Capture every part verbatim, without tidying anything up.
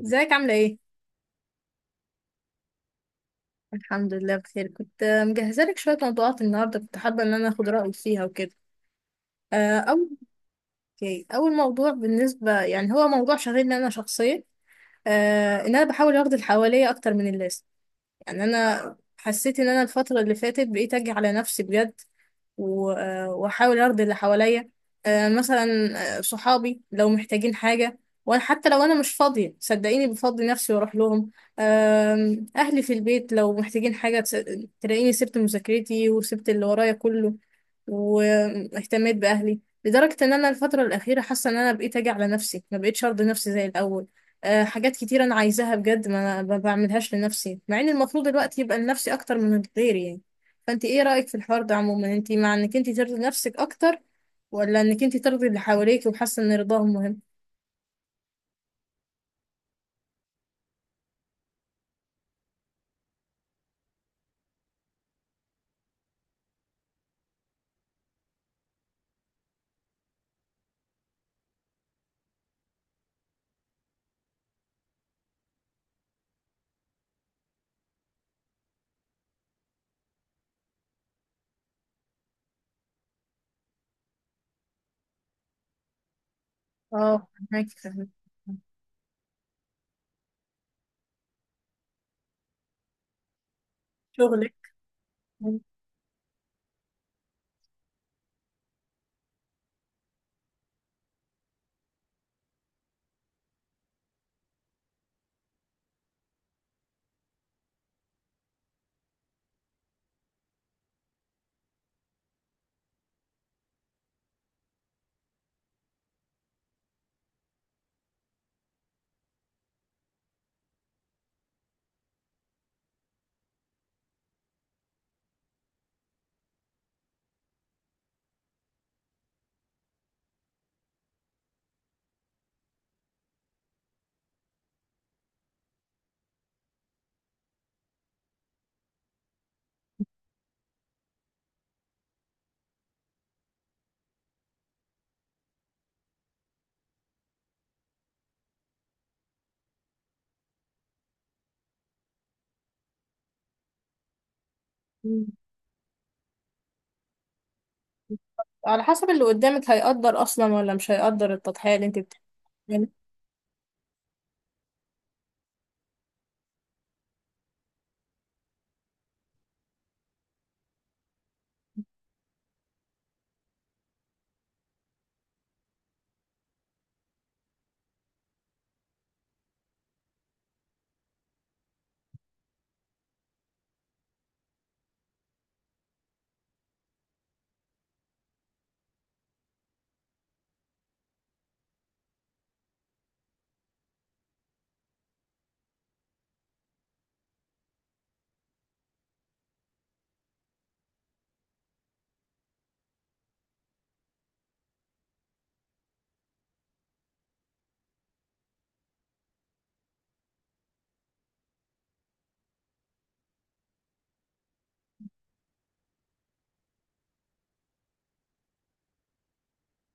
ازيك عاملة ايه؟ الحمد لله بخير، كنت مجهزة لك شوية موضوعات النهاردة، كنت حابة ان انا اخد رأيك فيها وكده. آه، اول اوكي، اول موضوع بالنسبة يعني هو موضوع شاغلني انا شخصيا. آه، ان انا بحاول اخد اللي حواليا اكتر من اللازم. يعني انا حسيت ان انا الفترة اللي فاتت بقيت اجي على نفسي بجد و- آه، واحاول ارضي اللي حواليا. آه، مثلا آه، صحابي لو محتاجين حاجة، وانا حتى لو انا مش فاضية صدقيني بفضي نفسي واروح لهم. آم، اهلي في البيت لو محتاجين حاجة تس- تلاقيني سبت مذاكرتي وسبت اللي ورايا كله، واهتميت باهلي. لدرجة ان انا الفترة الاخيرة حاسة ان انا بقيت اجي على نفسي، ما بقيتش ارضي نفسي زي الاول. آه، حاجات كتير انا عايزاها بجد ما ما بعملهاش لنفسي، مع ان المفروض الوقت يبقى لنفسي اكتر من غيري يعني. فانت ايه رأيك في الحوار ده عموما؟ انت مع انك انت ترضي نفسك اكتر، ولا انك انت ترضي اللي حواليك وحاسه ان رضاهم مهم؟ اه، فهماكي، فهماكي. شغلك. مم. على حسب اللي قدامك هيقدر اصلا ولا مش هيقدر التضحية اللي انت بتعملها.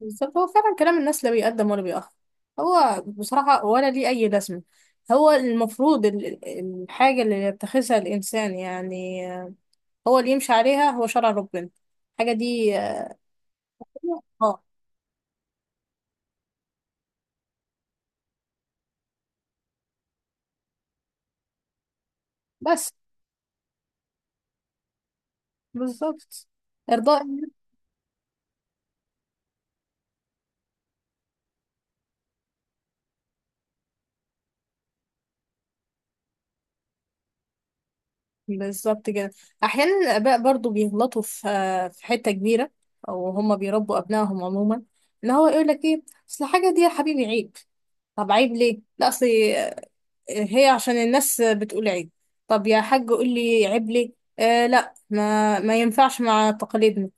بالظبط، هو فعلا كلام الناس لا بيقدم ولا بيأخر. هو بصراحة ولا ليه أي لازمة. هو المفروض ال- ال- الحاجة اللي يتخذها الإنسان، يعني هو اللي يمشي عليها هو شرع ربنا، الحاجة دي. اه، بس. بالظبط. إرضاء النفس. بالظبط كده. أحيانا الآباء برضو بيغلطوا في في حتة كبيرة، أو هما بيربوا أبنائهم عموما إن هو يقول لك إيه؟ أصل الحاجة دي يا حبيبي عيب. طب عيب ليه؟ لا، أصل هي عشان الناس بتقول عيب. طب يا حاج قول لي عيب ليه؟ آه لا، ما ما ينفعش مع تقاليدنا.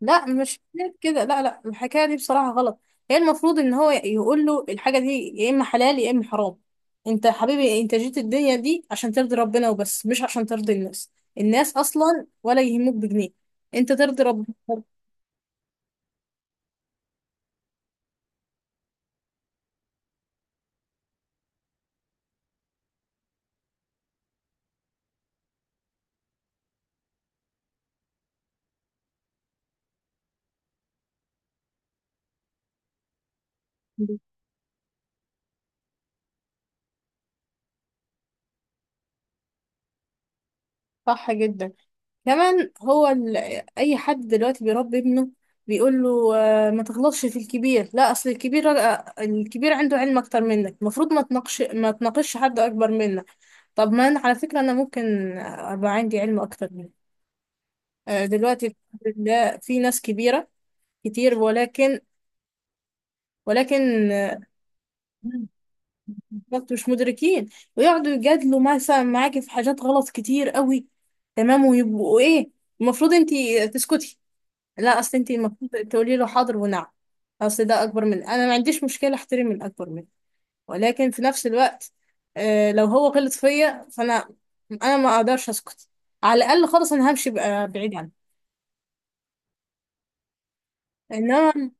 لا، مش كده، لا لا، الحكايه دي بصراحه غلط. هي المفروض ان هو يقول له الحاجه دي يا اما حلال يا اما حرام. انت يا حبيبي انت جيت الدنيا دي عشان ترضي ربنا وبس، مش عشان ترضي الناس. الناس اصلا ولا يهموك بجنيه، انت ترضي ربنا. صح جدا. كمان هو ال... اي حد دلوقتي بيربي ابنه بيقول له، آه، ما تغلطش في الكبير، لا اصل الكبير آه، الكبير عنده علم اكتر منك، المفروض ما تناقش ما تناقش حد اكبر منك. طب ما انا على فكره انا ممكن آه، ابقى عندي علم اكتر منك. آه، دلوقتي الحمد لله في ناس كبيره كتير، ولكن ولكن آه، بالظبط مش مدركين، ويقعدوا يجادلوا مثلا معاكي في حاجات غلط كتير قوي. تمام، ويبقوا ايه؟ المفروض انتي تسكتي، لا اصل انت المفروض تقولي له حاضر ونعم. اصل ده اكبر مني، انا ما عنديش مشكله احترم الاكبر مني، ولكن في نفس الوقت آه لو هو غلط فيا فانا انا ما اقدرش اسكت. على الاقل خالص انا همشي بقى بعيد عنه، انما.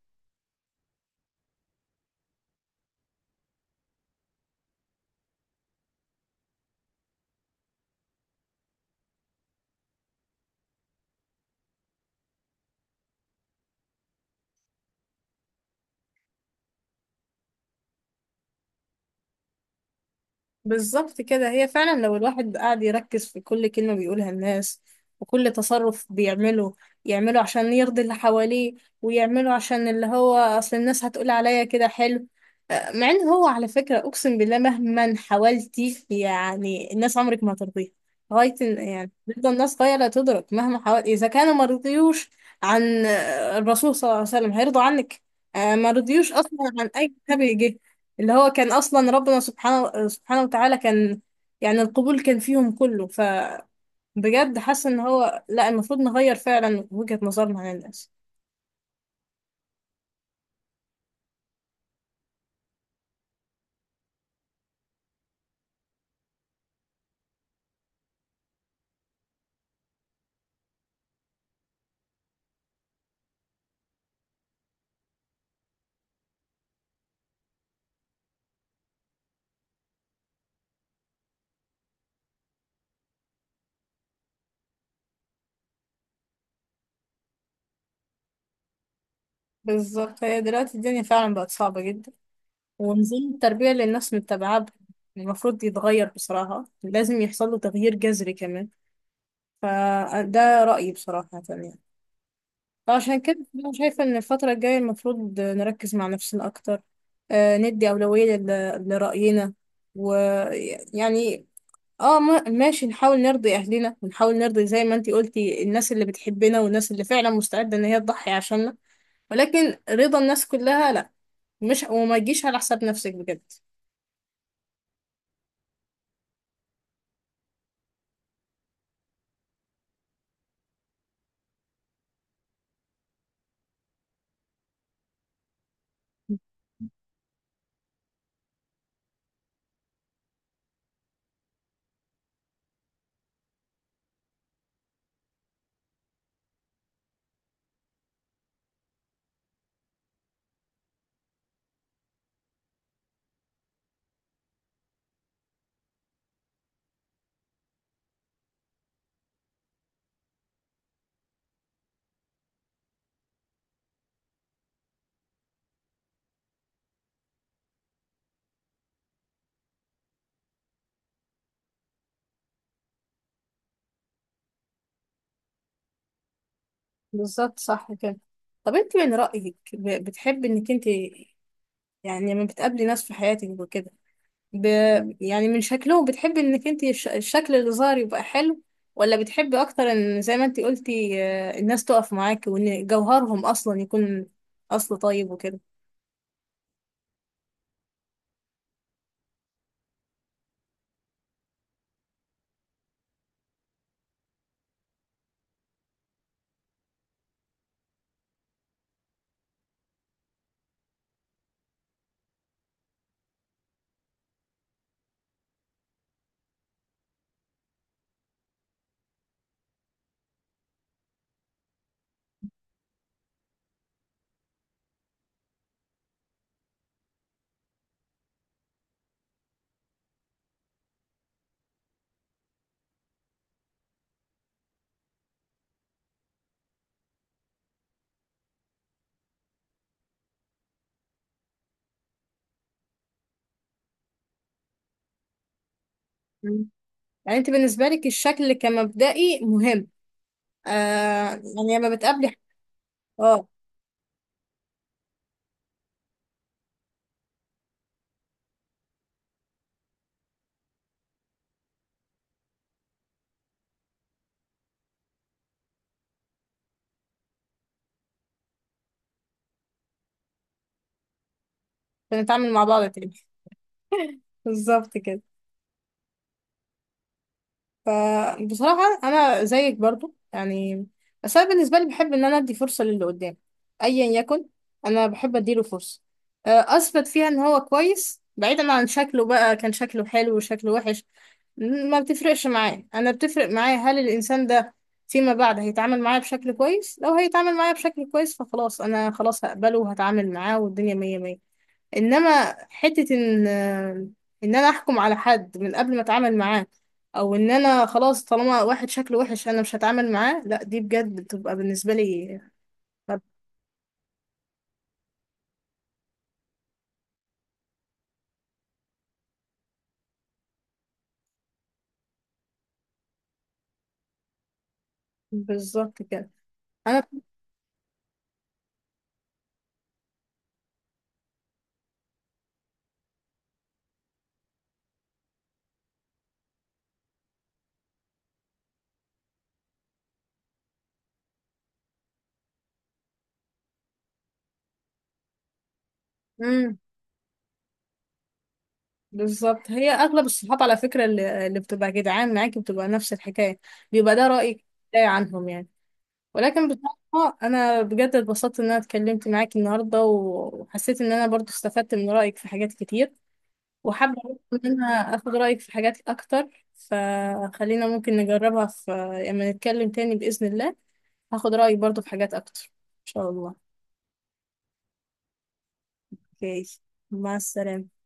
بالظبط كده، هي فعلا لو الواحد قاعد يركز في كل كلمة بيقولها الناس، وكل تصرف بيعمله يعمله عشان يرضي اللي حواليه، ويعمله عشان اللي هو أصل الناس هتقول عليا كده حلو. آه، مع إن هو على فكرة أقسم بالله مهما حاولتي يعني الناس عمرك ما هترضيها. لغاية إن- يعني بتفضل الناس غاية لا تدرك مهما حاولت، إذا كانوا ما رضيوش عن آه، الرسول صلى الله عليه وسلم هيرضوا عنك؟ آه، ما رضيوش أصلا عن أي نبي جه، اللي هو كان اصلا ربنا سبحانه سبحانه وتعالى كان يعني القبول كان فيهم كله، فبجد حاسه ان هو لا، المفروض نغير فعلا وجهة نظرنا عن الناس. بالظبط، هي دلوقتي الدنيا فعلا بقت صعبة جدا، ونظام التربية اللي الناس متبعاه ب- المفروض يتغير بصراحة، لازم يحصل له تغيير جذري كمان. فده رأيي بصراحة يعني. فعشان كده أنا شايفة إن الفترة الجاية المفروض نركز مع نفسنا أكتر، آه، ندي أولوية ل- لرأينا، ويعني اه، ما- ماشي، نحاول نرضي اهلنا ونحاول نرضي زي ما انتي قلتي الناس اللي بتحبنا والناس اللي فعلا مستعدة ان هي تضحي عشاننا، ولكن رضا الناس كلها لا. مش وما تجيش على حساب نفسك بجد. بالظبط، صح كده. طب انت من رأيك ب- بتحبي انك انت، يعني لما بتقابلي ناس في حياتك وكده، ب... يعني من شكلهم بتحبي انك انت الش- الشكل اللي ظاهر يبقى حلو، ولا بتحبي اكتر ان زي ما انت قلتي آه، الناس تقف معاك وان جوهرهم اصلا يكون اصل طيب وكده؟ يعني انت بالنسبه لك الشكل كمبدئي مهم؟ آه. يعني لما بتقابلي. اه. بنتعامل مع بعض تاني بالظبط كده. فبصراحة أنا زيك برضو يعني، بس أنا بالنسبة لي بحب إن أنا أدي فرصة للي قدام أيا يكن. أنا بحب أديله فرصة آه، أثبت فيها إن هو كويس بعيدا عن شكله، بقى كان شكله حلو وشكله وحش م- ما بتفرقش معايا. أنا بتفرق معايا هل الإنسان ده فيما بعد هيتعامل معايا بشكل كويس، لو هيتعامل معايا بشكل كويس فخلاص، أنا خلاص هقبله وهتعامل معاه والدنيا مية مية. انما حتة ان ان انا احكم على حد من قبل ما اتعامل معاه، او ان انا خلاص طالما واحد شكله وحش انا مش هتعامل معاه، لا دي بجد بتبقى بالنسبة لي. خد- بالظبط كده. انا. امم. بالظبط، هي اغلب الصحاب على فكرة اللي, اللي بتبقى جدعان معاكي بتبقى نفس الحكاية. بيبقى ده رأيك ده عنهم يعني. ولكن بصراحة انا بجد اتبسطت ان انا اتكلمت معاكي النهاردة، وحسيت ان انا برضو استفدت من رأيك في حاجات كتير، وحابة أعرف إن أنا أخد رأيك في حاجات أكتر. فخلينا ممكن نجربها في، لما نتكلم تاني بإذن الله هاخد رأيك برضو في حاجات أكتر إن شاء الله. أوكي، مع السلامة.